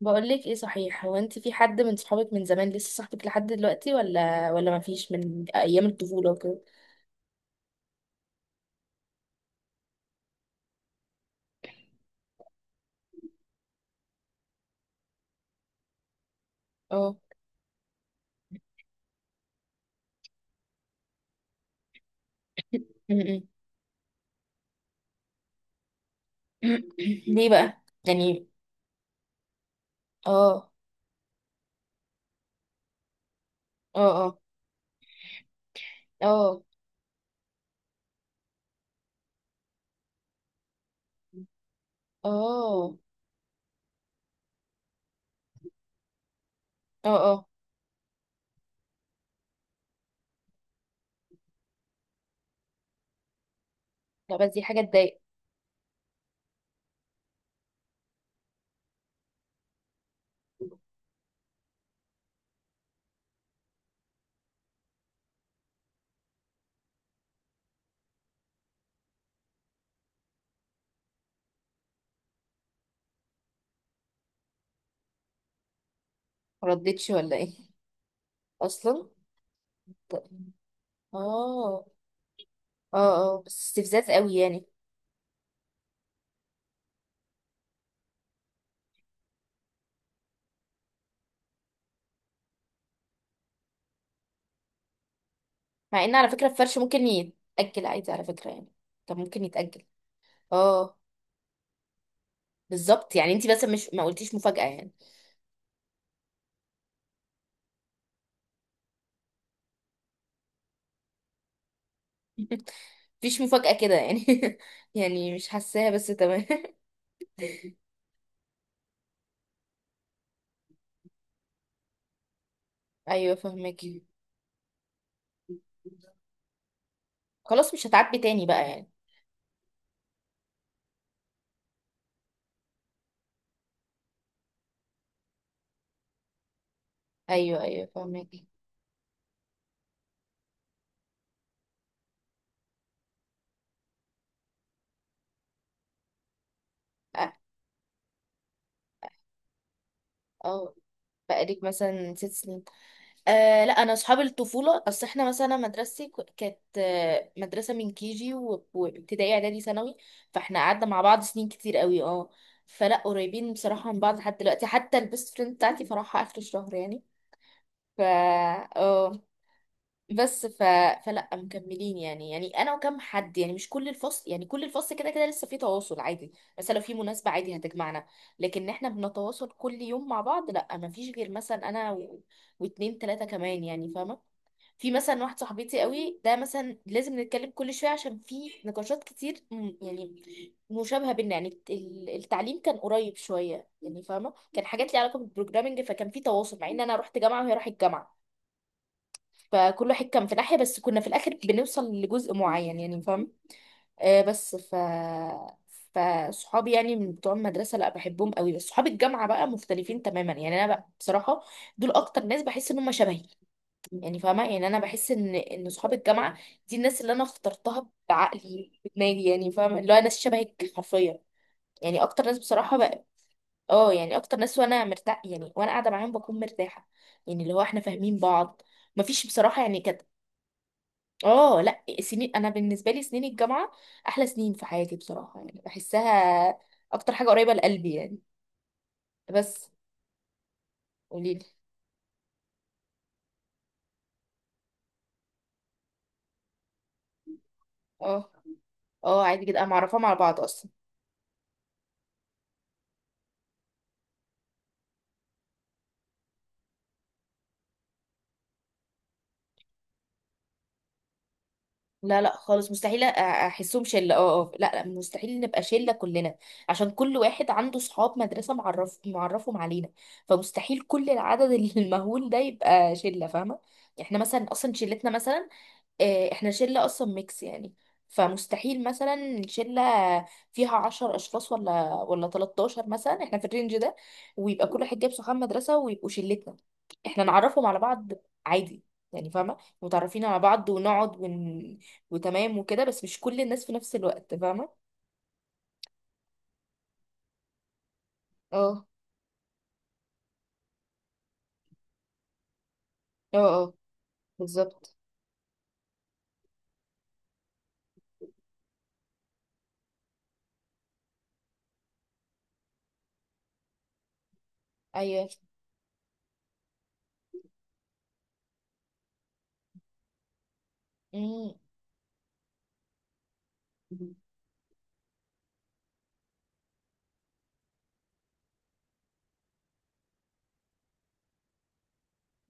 بقولك ايه صحيح، هو انت في حد من صحابك من زمان لسه صاحبك لحد دلوقتي ولا ما فيش من ايام الطفولة وكده. اه. م- م. ليه بقى يعني. اه اه اه اه اه اه اه. لا بس دي حاجة تضايق. مردتش ولا ايه اصلا؟ ط- اه اه اه. بس استفزاز قوي يعني. مع ان على فكرة الفرش ممكن يتأجل عادي، على فكرة يعني. طب ممكن يتأجل. اه. بالظبط، يعني انت بس مش ما قلتيش مفاجأة يعني. مفيش مفاجأة كده يعني يعني مش حاساها، بس تمام. ايوه، فهمك. خلاص مش هتعاتبي تاني بقى يعني. ايوه ايوه فاهمك. اه آه، بقالك مثلا ست سنين. لا انا اصحاب الطفوله، اصل احنا مثلا مدرستي كانت مدرسه من كي جي وابتدائي اعدادي ثانوي. فاحنا قعدنا مع بعض سنين كتير قوي، اه. فلا قريبين بصراحه من بعض لحد دلوقتي، حتى البيست فريند بتاعتي فرحها اخر الشهر يعني. ف اه بس ف... فلا مكملين يعني، يعني انا وكم حد يعني، مش كل الفصل يعني. كل الفصل كده كده لسه في تواصل عادي، مثلا لو في مناسبة عادي هتجمعنا. لكن احنا بنتواصل كل يوم مع بعض، لا ما فيش. غير مثلا انا واتنين تلاتة كمان يعني، فاهمة. في مثلا واحد صاحبتي قوي ده مثلا لازم نتكلم كل شوية، عشان في نقاشات كتير يعني مشابهة بينا يعني. التعليم كان قريب شوية يعني، فاهمة. كان حاجات ليها علاقة بالبروجرامنج، فكان في تواصل مع ان انا رحت جامعة وهي راحت جامعة. فكل واحد كان في ناحية، بس كنا في الآخر بنوصل لجزء معين يعني، فاهم. آه بس ف فصحابي يعني من بتوع المدرسة لا بحبهم قوي، بس صحاب الجامعة بقى مختلفين تماما يعني. أنا بقى بصراحة دول أكتر ناس بحس إن هم شبهي، يعني فاهمة. يعني أنا بحس إن صحاب الجامعة دي الناس اللي أنا اخترتها بعقلي بدماغي يعني، فاهمة. اللي هو ناس شبهك حرفيا، يعني أكتر ناس بصراحة بقى. اه يعني أكتر ناس، وأنا مرتاح يعني. وأنا قاعدة معاهم بكون مرتاحة، يعني اللي هو إحنا فاهمين بعض. مفيش بصراحة يعني كانت. اه لا سنين. انا بالنسبه لي سنين الجامعه احلى سنين في حياتي بصراحه يعني، بحسها اكتر حاجه قريبه لقلبي يعني. بس قولي لي. اه اه عادي جدا، انا معرفاهم على بعض اصلا. لا لا خالص مستحيل، احسهم شله. اه اه لا لا مستحيل نبقى شله كلنا، عشان كل واحد عنده صحاب مدرسه معرف معرفهم علينا. فمستحيل كل العدد المهول ده يبقى شله، فاهمه. يعني احنا مثلا اصلا شلتنا مثلا احنا شلة اصلا ميكس يعني. فمستحيل مثلا شلة فيها عشر اشخاص ولا 13 مثلا، احنا في الرينج ده. ويبقى كل واحد جايب صحاب مدرسة ويبقوا شلتنا، احنا نعرفهم على بعض عادي يعني، فاهمة. متعرفين على بعض ونقعد وتمام وكده، بس مش كل الناس في نفس الوقت، فاهمة. اه اه اه بالظبط. ايوه. مم.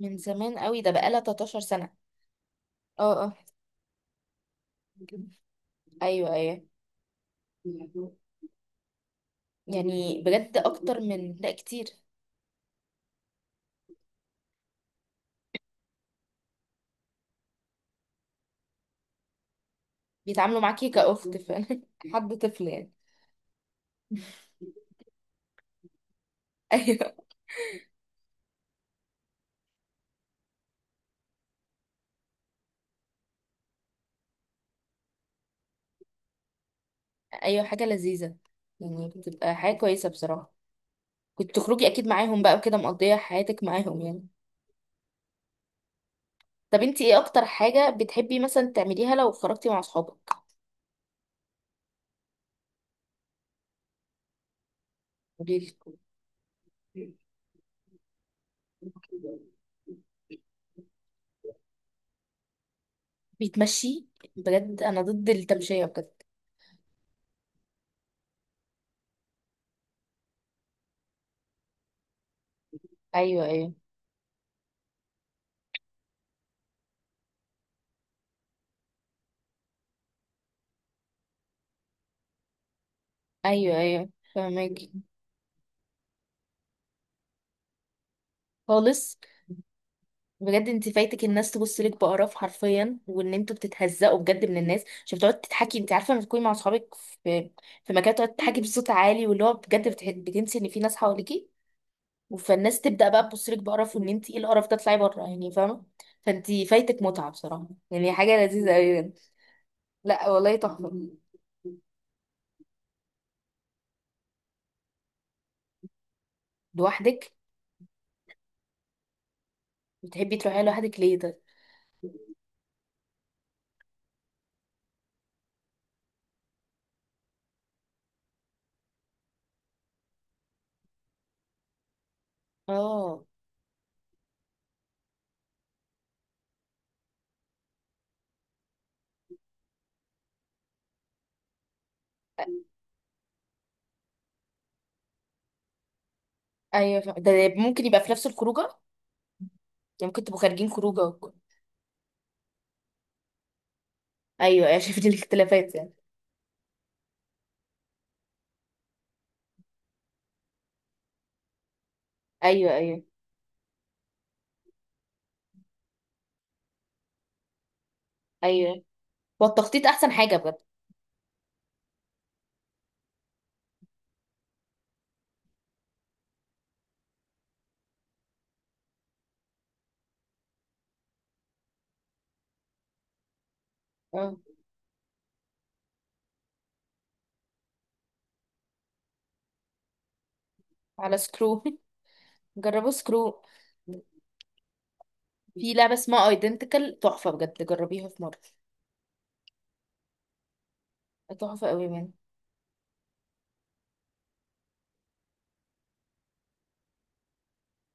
من زمان قوي ده، بقالها 13 سنة. اه اه ايوه ايوه. يعني بجد اكتر من، لا كتير. بيتعاملوا معاكي كأخت فعلا حد طفل يعني. ايوه ايوه حاجة لذيذة، يعني بتبقى حاجة كويسة بصراحة. كنت تخرجي اكيد معاهم بقى وكده، مقضية حياتك معاهم يعني. طب انتي ايه اكتر حاجة بتحبي مثلا تعمليها لو خرجتي مع اصحابك؟ قوليلي. بيتمشي. بجد انا ضد التمشية بجد. ايوه ايوه ايوه ايوه فهماكي. خالص؟ بجد انت فايتك الناس تبص لك بقرف حرفيا، وان انتوا بتتهزقوا بجد من الناس، عشان بتقعد تتحكي. انت عارفه لما تكوني مع اصحابك في في مكان تقعد تحكي بصوت عالي، واللي هو بجد بتنسي ان في ناس حواليكي. فالناس تبدا بقى تبص لك بقرف، وان انت ايه القرف ده، اطلعي بره يعني فاهمه. فانت فايتك متعه بصراحه يعني، حاجه لذيذه قوي يعني. لا والله تحفه. لوحدك؟ بتحبي تروحي لوحدك ليه ده؟ اه ايوه. ده ممكن يبقى في نفس الخروجه يعني. ممكن تبقوا خارجين خروجه ايوه ايوه شفت الاختلافات يعني. ايوه ايوه ايوه. والتخطيط احسن حاجه بجد. اه على سكرو جربوا سكرو. في لعبه اسمها ايدنتيكال، تحفه بجد، جربيها في مره. تحفه قوي من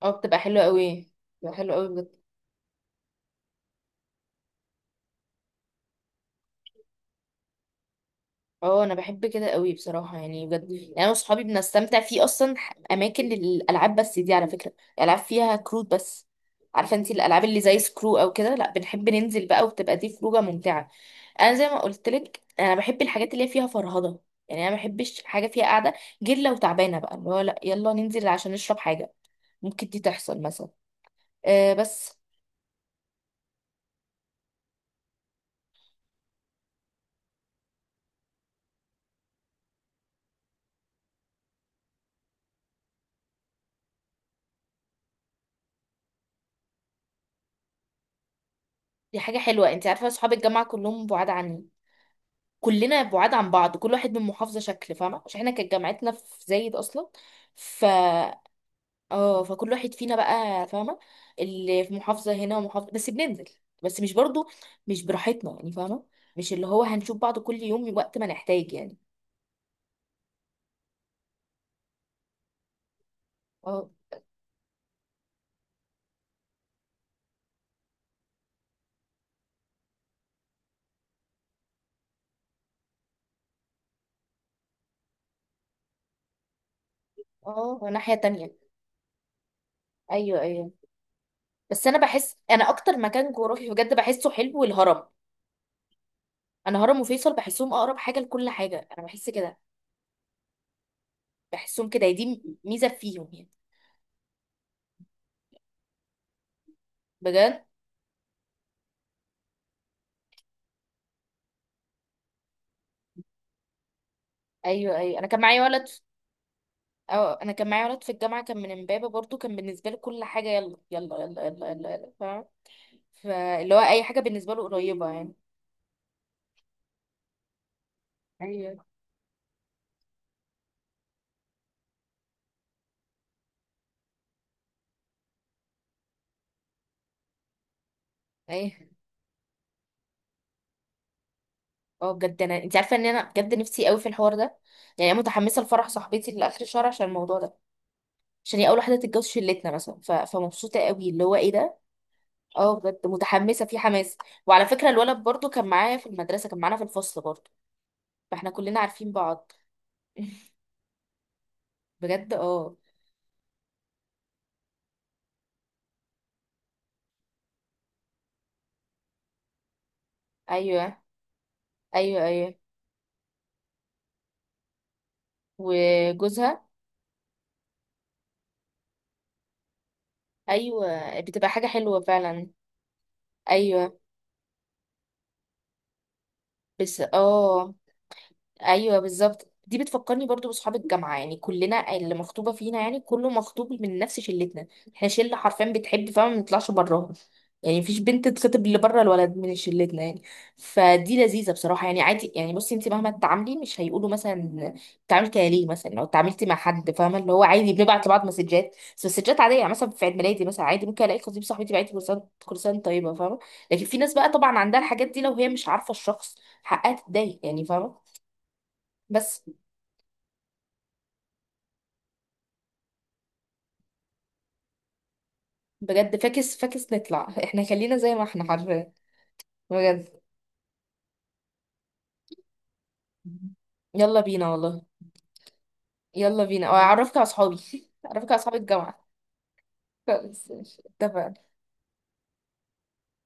اه. بتبقى حلوه قوي، بتبقى حلوه قوي بجد. اه انا بحب كده قوي بصراحه يعني، بجد يعني. انا وصحابي بنستمتع في اصلا اماكن للالعاب، بس دي على فكره العاب فيها كروت بس. عارفه انت الالعاب اللي زي سكرو او كده، لا بنحب ننزل بقى، وبتبقى دي خروجه ممتعه. انا زي ما قلت لك، انا بحب الحاجات اللي هي فيها فرهضه، يعني انا ما بحبش حاجه فيها قاعده. غير لو تعبانه بقى، اللي هو لا يلا ننزل عشان نشرب حاجه، ممكن دي تحصل مثلا. أه بس. دي حاجه حلوه. انت عارفه اصحاب الجامعه كلهم بعاد عني، كلنا بعاد عن بعض، كل واحد من محافظه شكل، فاهمه، عشان احنا كانت جامعتنا في زايد اصلا. ف اه فكل واحد فينا بقى فاهمه، اللي في محافظه هنا ومحافظه. بس بننزل بس مش برضو مش براحتنا يعني، فاهمه. مش اللي هو هنشوف بعض كل يوم وقت ما نحتاج يعني. اه ناحية تانية. ايوه ايوه. بس انا بحس انا اكتر مكان جغرافي بجد بحسه حلو، الهرم. انا هرم وفيصل بحسهم اقرب حاجة لكل حاجة، انا بحس كده، بحسهم كده هي دي ميزة فيهم يعني. بجد. ايوه ايوه انا كان معايا ولد. اه انا كان معايا ولد في الجامعة كان من امبابة برضو، كان بالنسبة له كل حاجة يلا يلا يلا يلا يلا، يلا، فاهم. فاللي هو اي حاجة بالنسبة له قريبة يعني. ايوه. ايه اه بجد، انا انت عارفه ان انا بجد نفسي قوي في الحوار ده. يعني انا متحمسه لفرح صاحبتي لاخر الشهر عشان الموضوع ده، عشان هي اول واحده تتجوز شلتنا مثلا، فمبسوطه قوي اللي هو ايه ده. اه بجد متحمسه، في حماس. وعلى فكره الولد برضو كان معايا في المدرسه، كان معانا في الفصل برضو، فاحنا كلنا عارفين بعض. بجد اه. ايوه ايوه ايوه وجوزها. ايوه بتبقى حاجه حلوه فعلا. ايوه بس اه. ايوه بالظبط، دي بتفكرني برضو باصحاب الجامعه، يعني كلنا اللي مخطوبه فينا يعني، كله مخطوب من نفس شلتنا. احنا شله حرفيا بتحب، فما بنطلعش براها يعني، مفيش بنت تخطب اللي بره الولد من شلتنا يعني. فدي لذيذه بصراحه يعني عادي. يعني بصي انت مهما تتعاملي مش هيقولوا مثلا بتتعاملي كده ليه، مثلا لو اتعاملتي مع حد، فاهمه، اللي هو عادي بنبعت لبعض مسجات بس مسجات عاديه يعني. مثلا في عيد ميلادي مثلا عادي ممكن الاقي خطيب صاحبتي بعت لي كل كرسان طيبه، فاهمه. لكن في ناس بقى طبعا عندها الحاجات دي، لو هي مش عارفه الشخص حقها تتضايق يعني، فاهمه. بس بجد فاكس فاكس، نطلع احنا خلينا زي ما احنا حرفيا. بجد يلا بينا والله. يلا بينا واعرفك على اصحابي اعرفك على اصحاب الجامعة. خلاص ماشي، اتفقنا.